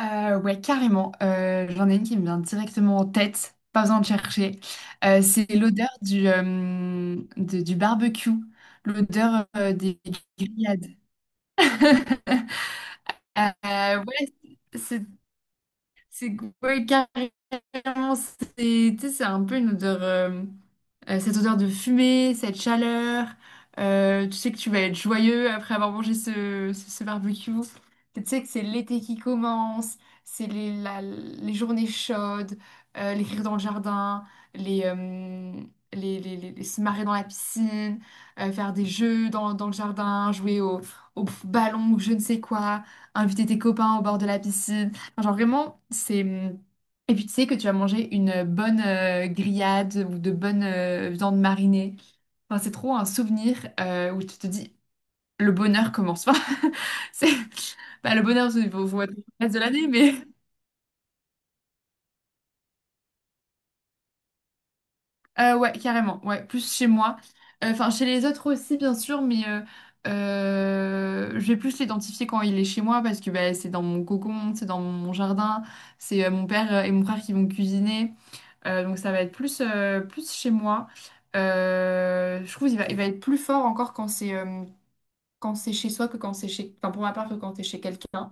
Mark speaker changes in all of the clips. Speaker 1: Ouais, carrément. J'en ai une qui me vient directement en tête, pas besoin de chercher. C'est l'odeur du barbecue, l'odeur des grillades. Ouais, c'est c'est- ouais, carrément vraiment, c'est tu sais, c'est un peu une odeur, cette odeur de fumée, cette chaleur. Tu sais que tu vas être joyeux après avoir mangé ce barbecue. Tu sais que c'est l'été qui commence, c'est les journées chaudes, les rires dans le jardin, les, euh, se marrer dans la piscine, faire des jeux dans le jardin, jouer au ballon ou je ne sais quoi, inviter tes copains au bord de la piscine. Enfin, genre vraiment, c'est... Et puis tu sais que tu vas manger une bonne grillade ou de bonnes viandes marinées. Enfin, c'est trop un souvenir où tu te dis le bonheur commence. Enfin, c'est bah, le bonheur, il faut, faut être le reste de l'année, mais ouais, carrément, ouais, plus chez moi. Enfin, chez les autres aussi, bien sûr, mais je vais plus l'identifier quand il est chez moi parce que bah, c'est dans mon cocon, c'est dans mon jardin, c'est mon père et mon frère qui vont cuisiner. Donc ça va être plus, plus chez moi. Je trouve il va être plus fort encore quand c'est chez soi que quand c'est chez... Enfin, pour ma part, que quand c'est chez quelqu'un.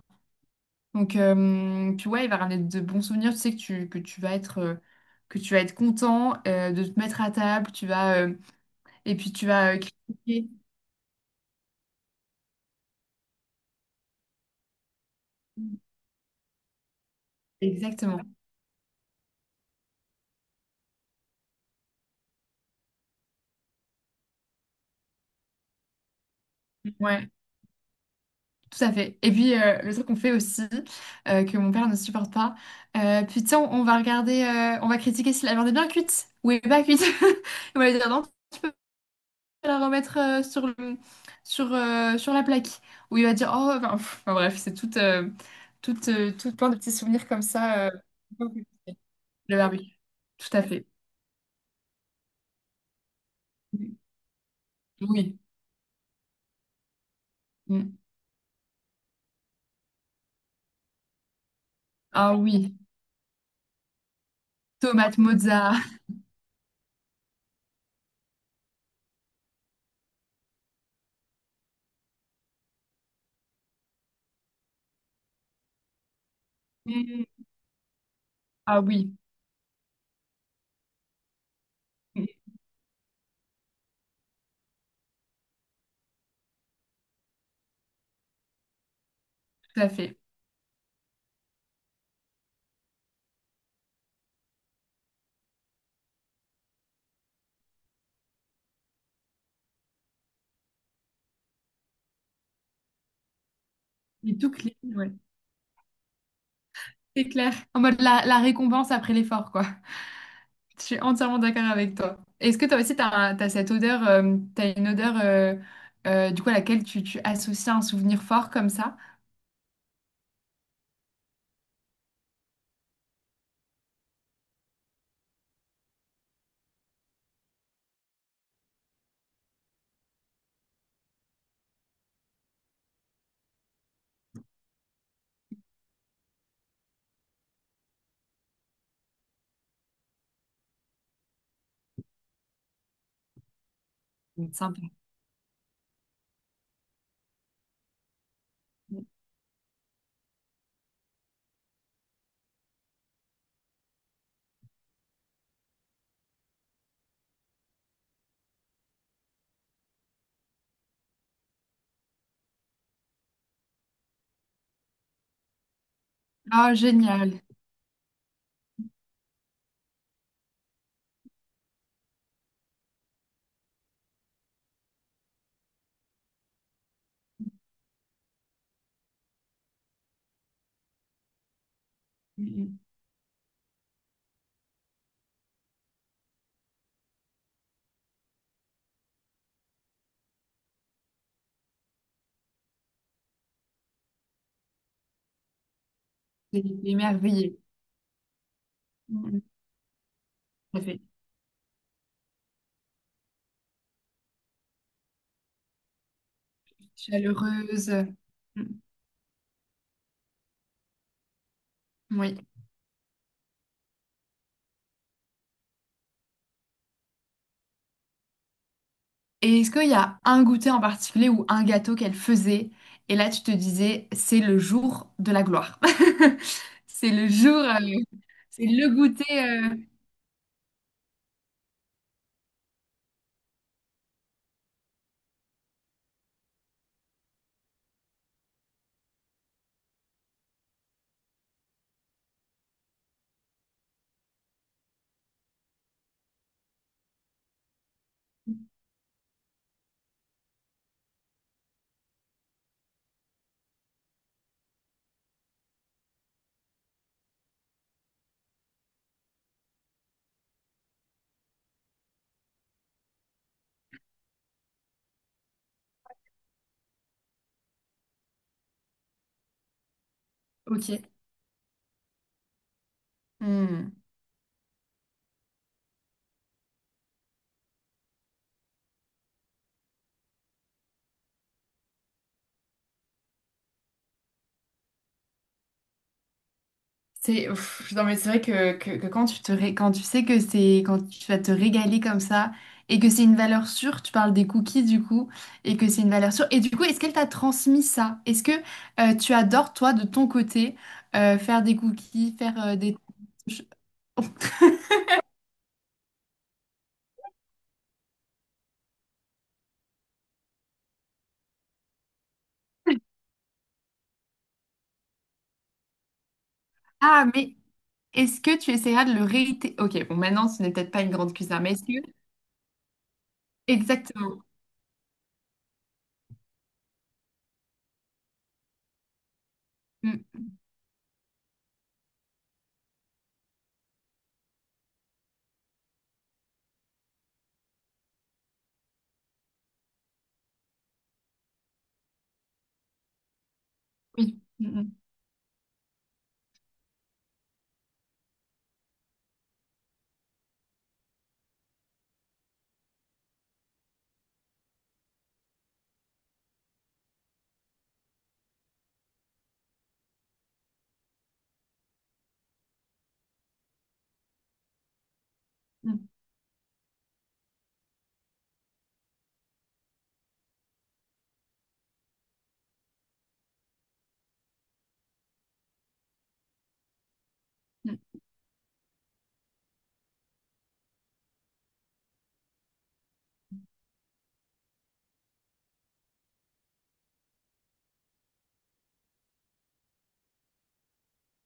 Speaker 1: Donc, puis ouais, il va ramener de bons souvenirs. Tu sais que tu vas être... que tu vas être content de te mettre à table, tu vas et puis tu vas critiquer. Exactement. Ouais. Tout à fait. Et puis, le truc qu'on fait aussi, que mon père ne supporte pas, putain, on va regarder, on va critiquer si la viande est bien cuite ou est pas cuite. On va lui dire, non, tu peux la remettre sur la plaque. Ou il va dire, oh, enfin, pff, enfin, bref, c'est tout plein de petits souvenirs comme ça. Le barbecue. Tout à fait. Oui. Mm. Ah oui. Tomate mozza. Mm. Ah oui. Mm. Tout à fait. Et tout clean, ouais. C'est clair. En mode la récompense après l'effort, quoi. Je suis entièrement d'accord avec toi. Est-ce que toi aussi, tu as, cette odeur, t'as une odeur du coup à laquelle tu associes un souvenir fort comme ça? Sympa. Oh, génial. Mm, mm. T'es t'es émerveillée. Mm, mm. Tout à fait. Chaleureuse. Mm. Oui. Et est-ce qu'il y a un goûter en particulier ou un gâteau qu'elle faisait et là tu te disais c'est le jour de la gloire. C'est le jour, c'est le goûter. Ok. Hmm. C'est ouf. Non, mais c'est vrai que quand quand tu sais que c'est quand tu vas te régaler comme ça et que c'est une valeur sûre, tu parles des cookies du coup et que c'est une valeur sûre. Et du coup, est-ce qu'elle t'a transmis ça? Est-ce que tu adores toi de ton côté faire des cookies, faire des Ah, mais est-ce que tu essaieras de le réitérer? Ok, bon, maintenant, ce n'est peut-être pas une grande cuisine, mais est-ce que... Exactement. Mm, oui. Mm, mm, mm,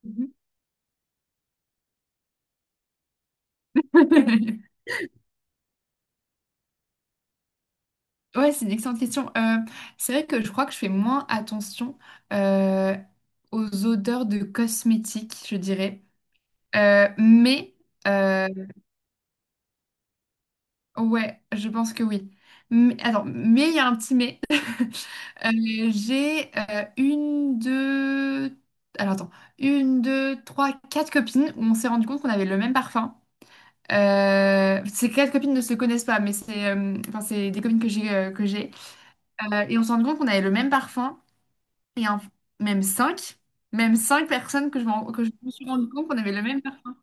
Speaker 1: mm, mm. Ouais, c'est une excellente question. C'est vrai que je crois que je fais moins attention euh, aux odeurs de cosmétiques, je dirais. Euh, mais, euh, ouais, je pense que oui. Mais, attends, mais il y a un petit mais. J'ai une, deux... Alors attends, une, deux, trois, quatre copines où on s'est rendu compte qu'on avait le même parfum. Ces quatre copines ne se connaissent pas, mais c'est enfin, c'est des copines que j'ai que j'ai. Et on s'est rendu compte qu'on avait le même parfum. et en- Même cinq, même cinq personnes que je me suis rendu compte qu'on avait le même parfum.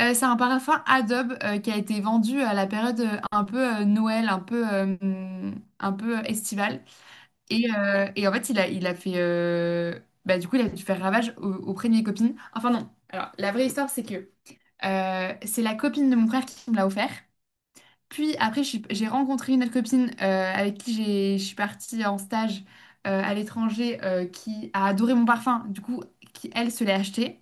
Speaker 1: C'est un parfum Adobe qui a été vendu à la période un peu Noël, un peu estivale. Et en fait, il a fait. Bah, du coup, il a dû faire ravage auprès de mes copines. Enfin, non. Alors, la vraie histoire, c'est que c'est la copine de mon frère qui me l'a offert. Puis après, j'ai rencontré une autre copine avec qui je suis partie en stage à l'étranger qui a adoré mon parfum, du coup, qui elle se l'est acheté.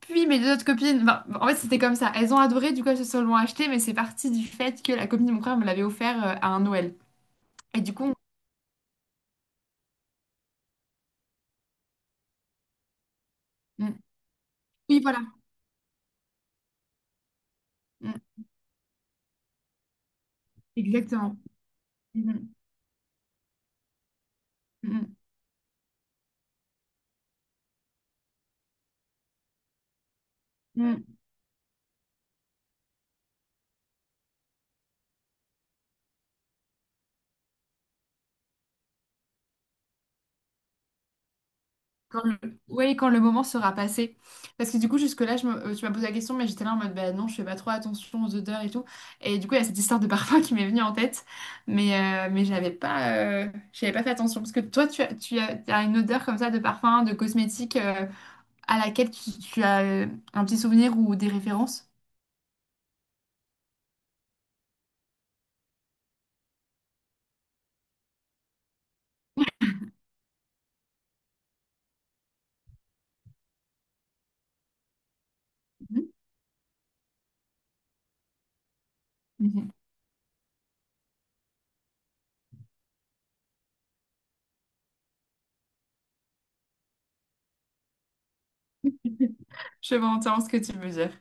Speaker 1: Puis mes deux autres copines, ben, en fait c'était comme ça, elles ont adoré, du coup elles se sont l'ont acheté, mais c'est parti du fait que la copine de mon frère me l'avait offert à un Noël. Et du coup, on- on- oui voilà. Mm. Exactement. Mm, mm, mm, mm. Quand le... ouais, quand le moment sera passé. Parce que du coup, jusque-là, tu m'as posé la question, mais j'étais là en mode, bah non, je fais pas trop attention aux odeurs et tout. Et du coup, il y a cette histoire de parfum qui m'est venue en tête. Mais euh, j'avais pas fait attention. Parce que toi, t'as une odeur comme ça de parfum, de cosmétique, à laquelle tu as un petit souvenir ou des références. Mhm. Mhm. Je vois entièrement ce que tu veux dire.